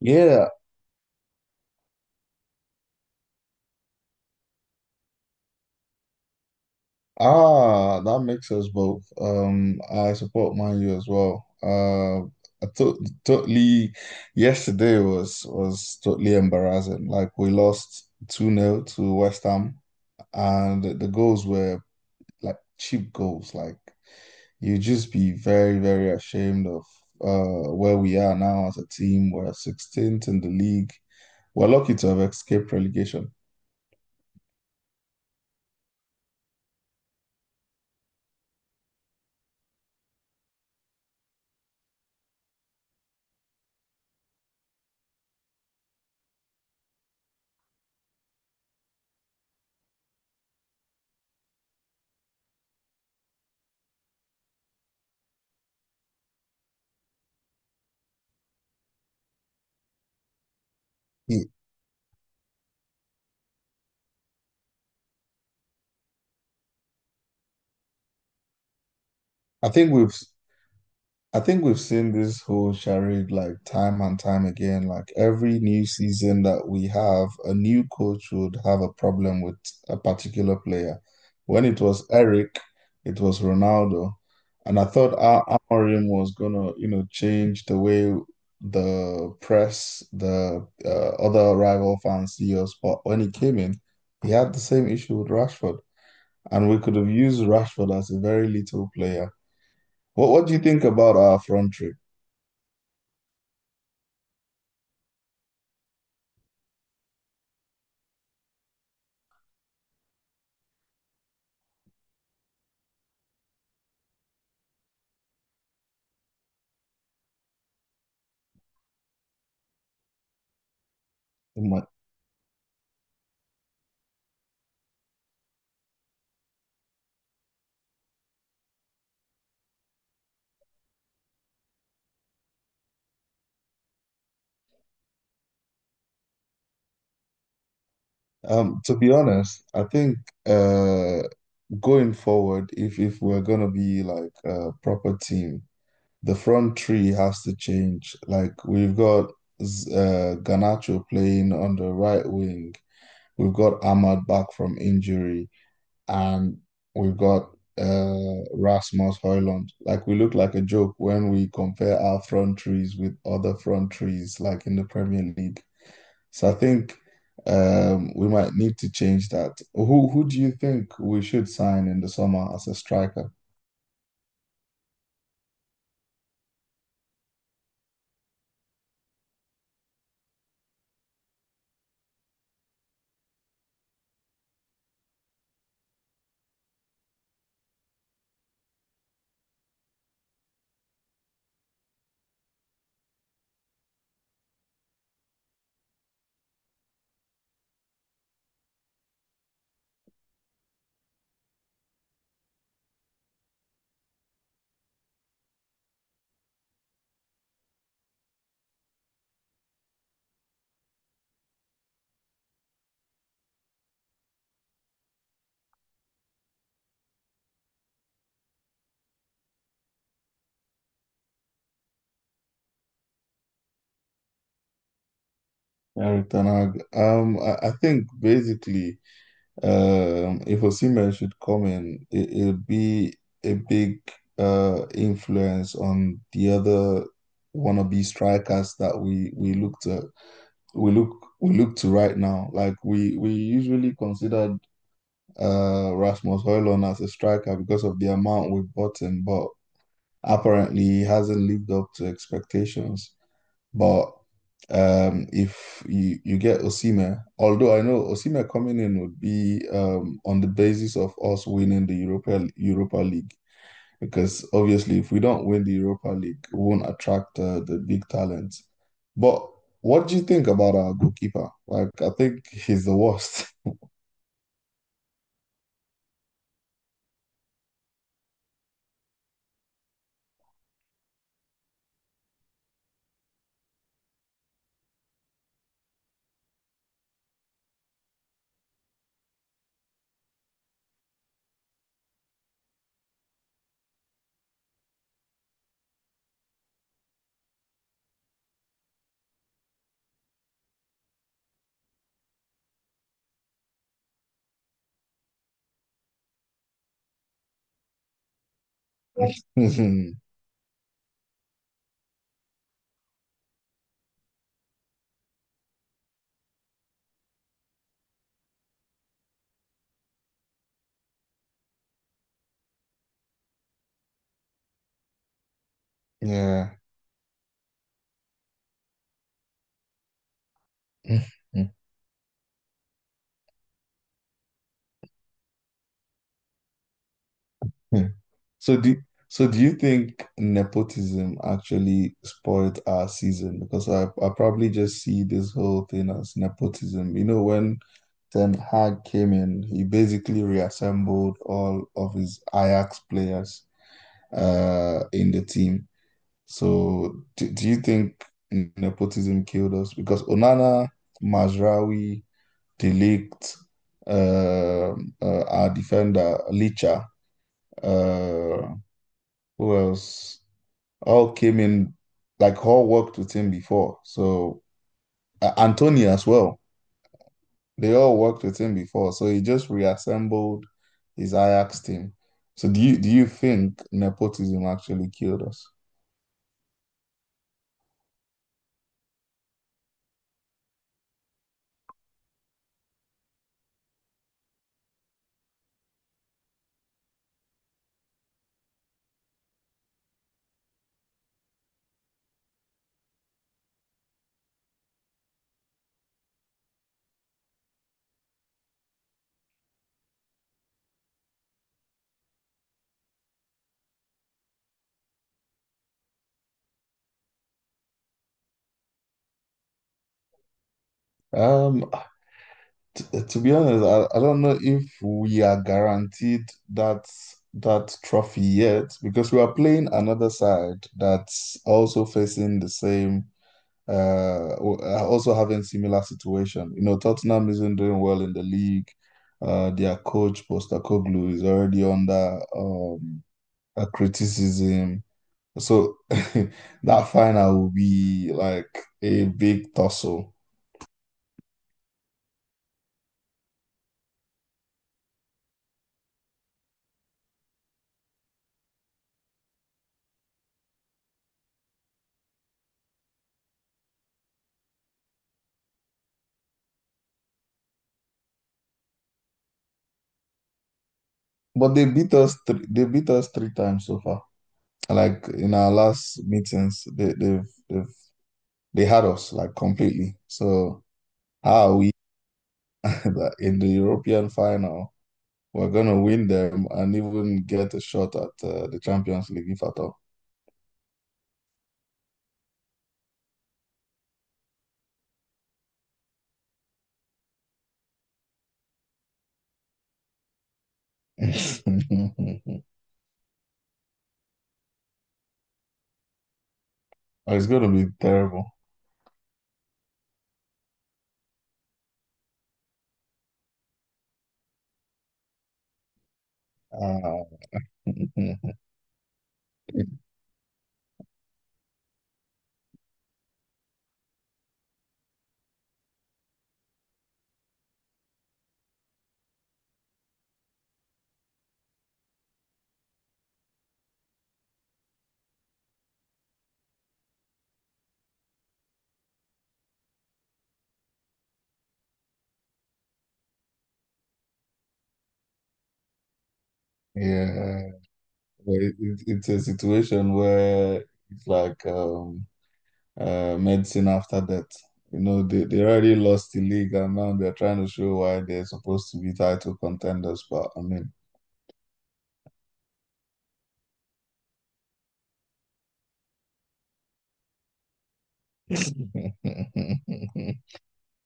Yeah, ah, that makes us both. I support Man U as well. I to totally yesterday was totally embarrassing. Like we lost 2 nil to West Ham, and the goals were like cheap goals. Like you just be very, very ashamed of where we are now as a team. We're 16th in the league. We're lucky to have escaped relegation. Yeah. I think we've I think we've seen this whole charade like time and time again. Like every new season that we have, a new coach would have a problem with a particular player. When it was Eric, it was Ronaldo. And I thought Al Amorim was gonna, you know, change the way the press, the other rival fans see us. But when he came in, he had the same issue with Rashford. And we could have used Rashford as a very little player. What do you think about our front three? My- to be honest, I think uh going forward, if we're gonna be like a proper team, the front three has to change. Like we've got Garnacho playing on the right wing, we've got Ahmad back from injury, and we've got Rasmus Højlund. Like we look like a joke when we compare our front threes with other front threes like in the Premier League. So I think we might need to change that. Who do you think we should sign in the summer as a striker? Eric Ten Hag. I think basically, if Osimhen should come in, it'll be a big influence on the other wannabe strikers that we look to right now. Like we usually considered Rasmus Højlund as a striker because of the amount we bought him, but apparently he hasn't lived up to expectations. But if you get Osimhen, although I know Osimhen coming in would be on the basis of us winning the Europa League, because obviously if we don't win the Europa League, we won't attract the big talents. But what do you think about our goalkeeper? Like, I think he's the worst. Yeah. So do do you think nepotism actually spoiled our season? Because I probably just see this whole thing as nepotism. You know, when Ten Hag came in, he basically reassembled all of his Ajax players in the team. So do you think nepotism killed us? Because Onana, Mazraoui, De Ligt, our defender, Licha, uh, who else? All came in, like all worked with him before. So Antonio as well. They all worked with him before. So he just reassembled his Ajax team. So do you think nepotism actually killed us? Um, to be honest, I don't know if we are guaranteed that that trophy yet because we are playing another side that's also facing the same are also having similar situation. You know, Tottenham isn't doing well in the league. Their coach Postecoglou is already under a criticism. So that final will be like a big tussle. But they beat us three times so far. Like in our last meetings, they've they had us like completely. So how are we in the European final? We're gonna win them and even get a shot at the Champions League if at all. Oh, it's gonna be terrible. Uh, yeah, but it's a situation where it's like medicine after death. You know, they already lost the league and now they're trying to show why they're supposed to be title contenders. But I mean,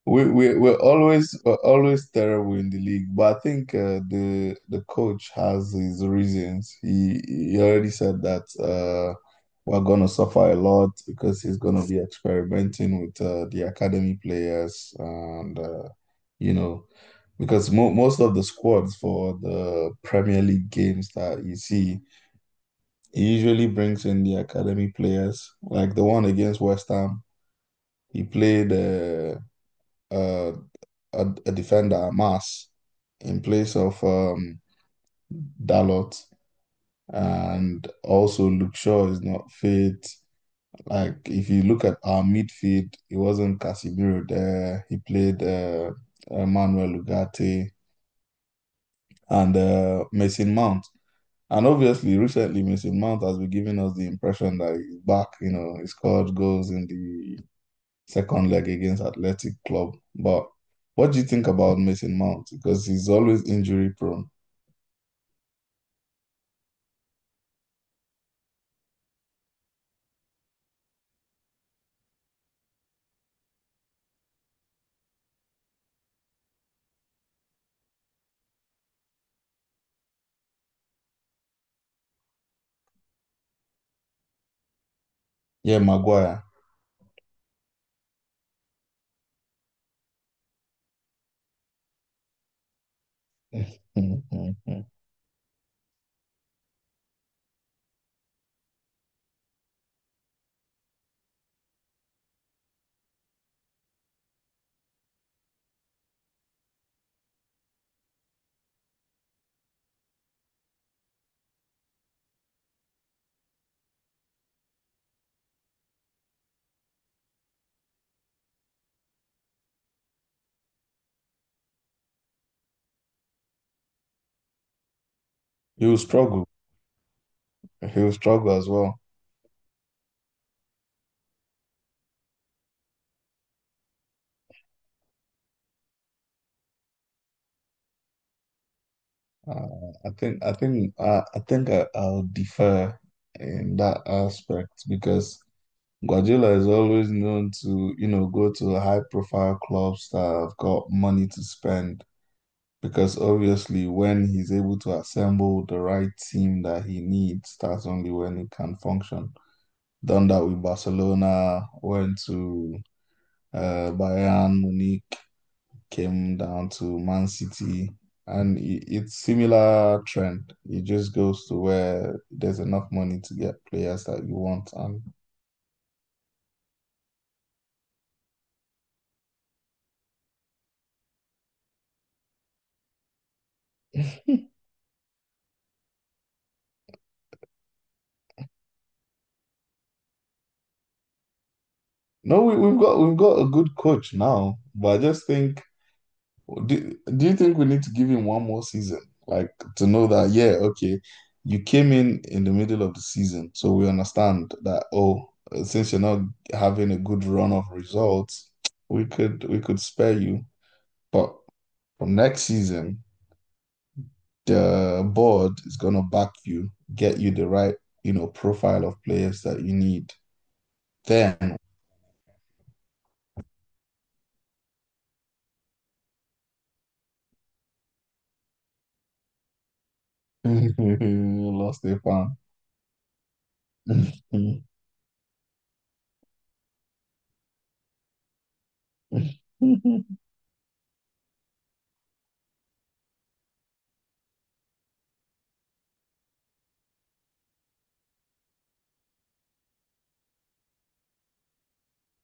We're always terrible in the league, but I think the coach has his reasons. He already said that we're gonna suffer a lot because he's gonna be experimenting with the academy players, and you know because mo most of the squads for the Premier League games that you see, he usually brings in the academy players, like the one against West Ham. He played. Uh a defender, Mas, in place of Dalot. And also, Luke Shaw is not fit. Like, if you look at our midfield, it wasn't Casemiro there. He played Manuel Ugarte and Mason Mount. And obviously, recently, Mason Mount has been giving us the impression that he's back. You know, he scored goals in the second leg against Athletic Club. But what do you think about Mason Mount? Because he's always injury prone. Yeah, Maguire. He will struggle. He will struggle as well. I think. I think. I think. I, I'll defer in that aspect because Guardiola is always known to, you know, go to high-profile clubs that have got money to spend. Because obviously, when he's able to assemble the right team that he needs, that's only when he can function. Done that with Barcelona. Went to Bayern Munich, came down to Man City, and it's similar trend. It just goes to where there's enough money to get players that you want. And no, we've got a good coach now, but I just think, do you think we need to give him one more season, like to know that, yeah, okay, you came in the middle of the season, so we understand that. Oh. Since you're not having a good run of results, we could spare you. But from next season, the board is going to back you, get you the right, you know, profile of players that you need. Then lost a fan.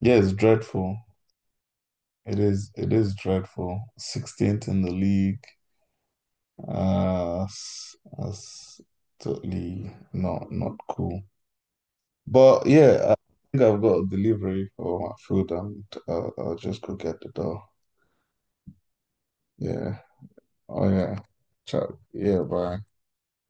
Yeah, it's dreadful. It is. It is dreadful. 16th in the league. Uh, that's totally not cool. But yeah, I think I've got a delivery for my food, and I'll just go get the door. Yeah. Oh yeah. Ciao. Yeah. Bye.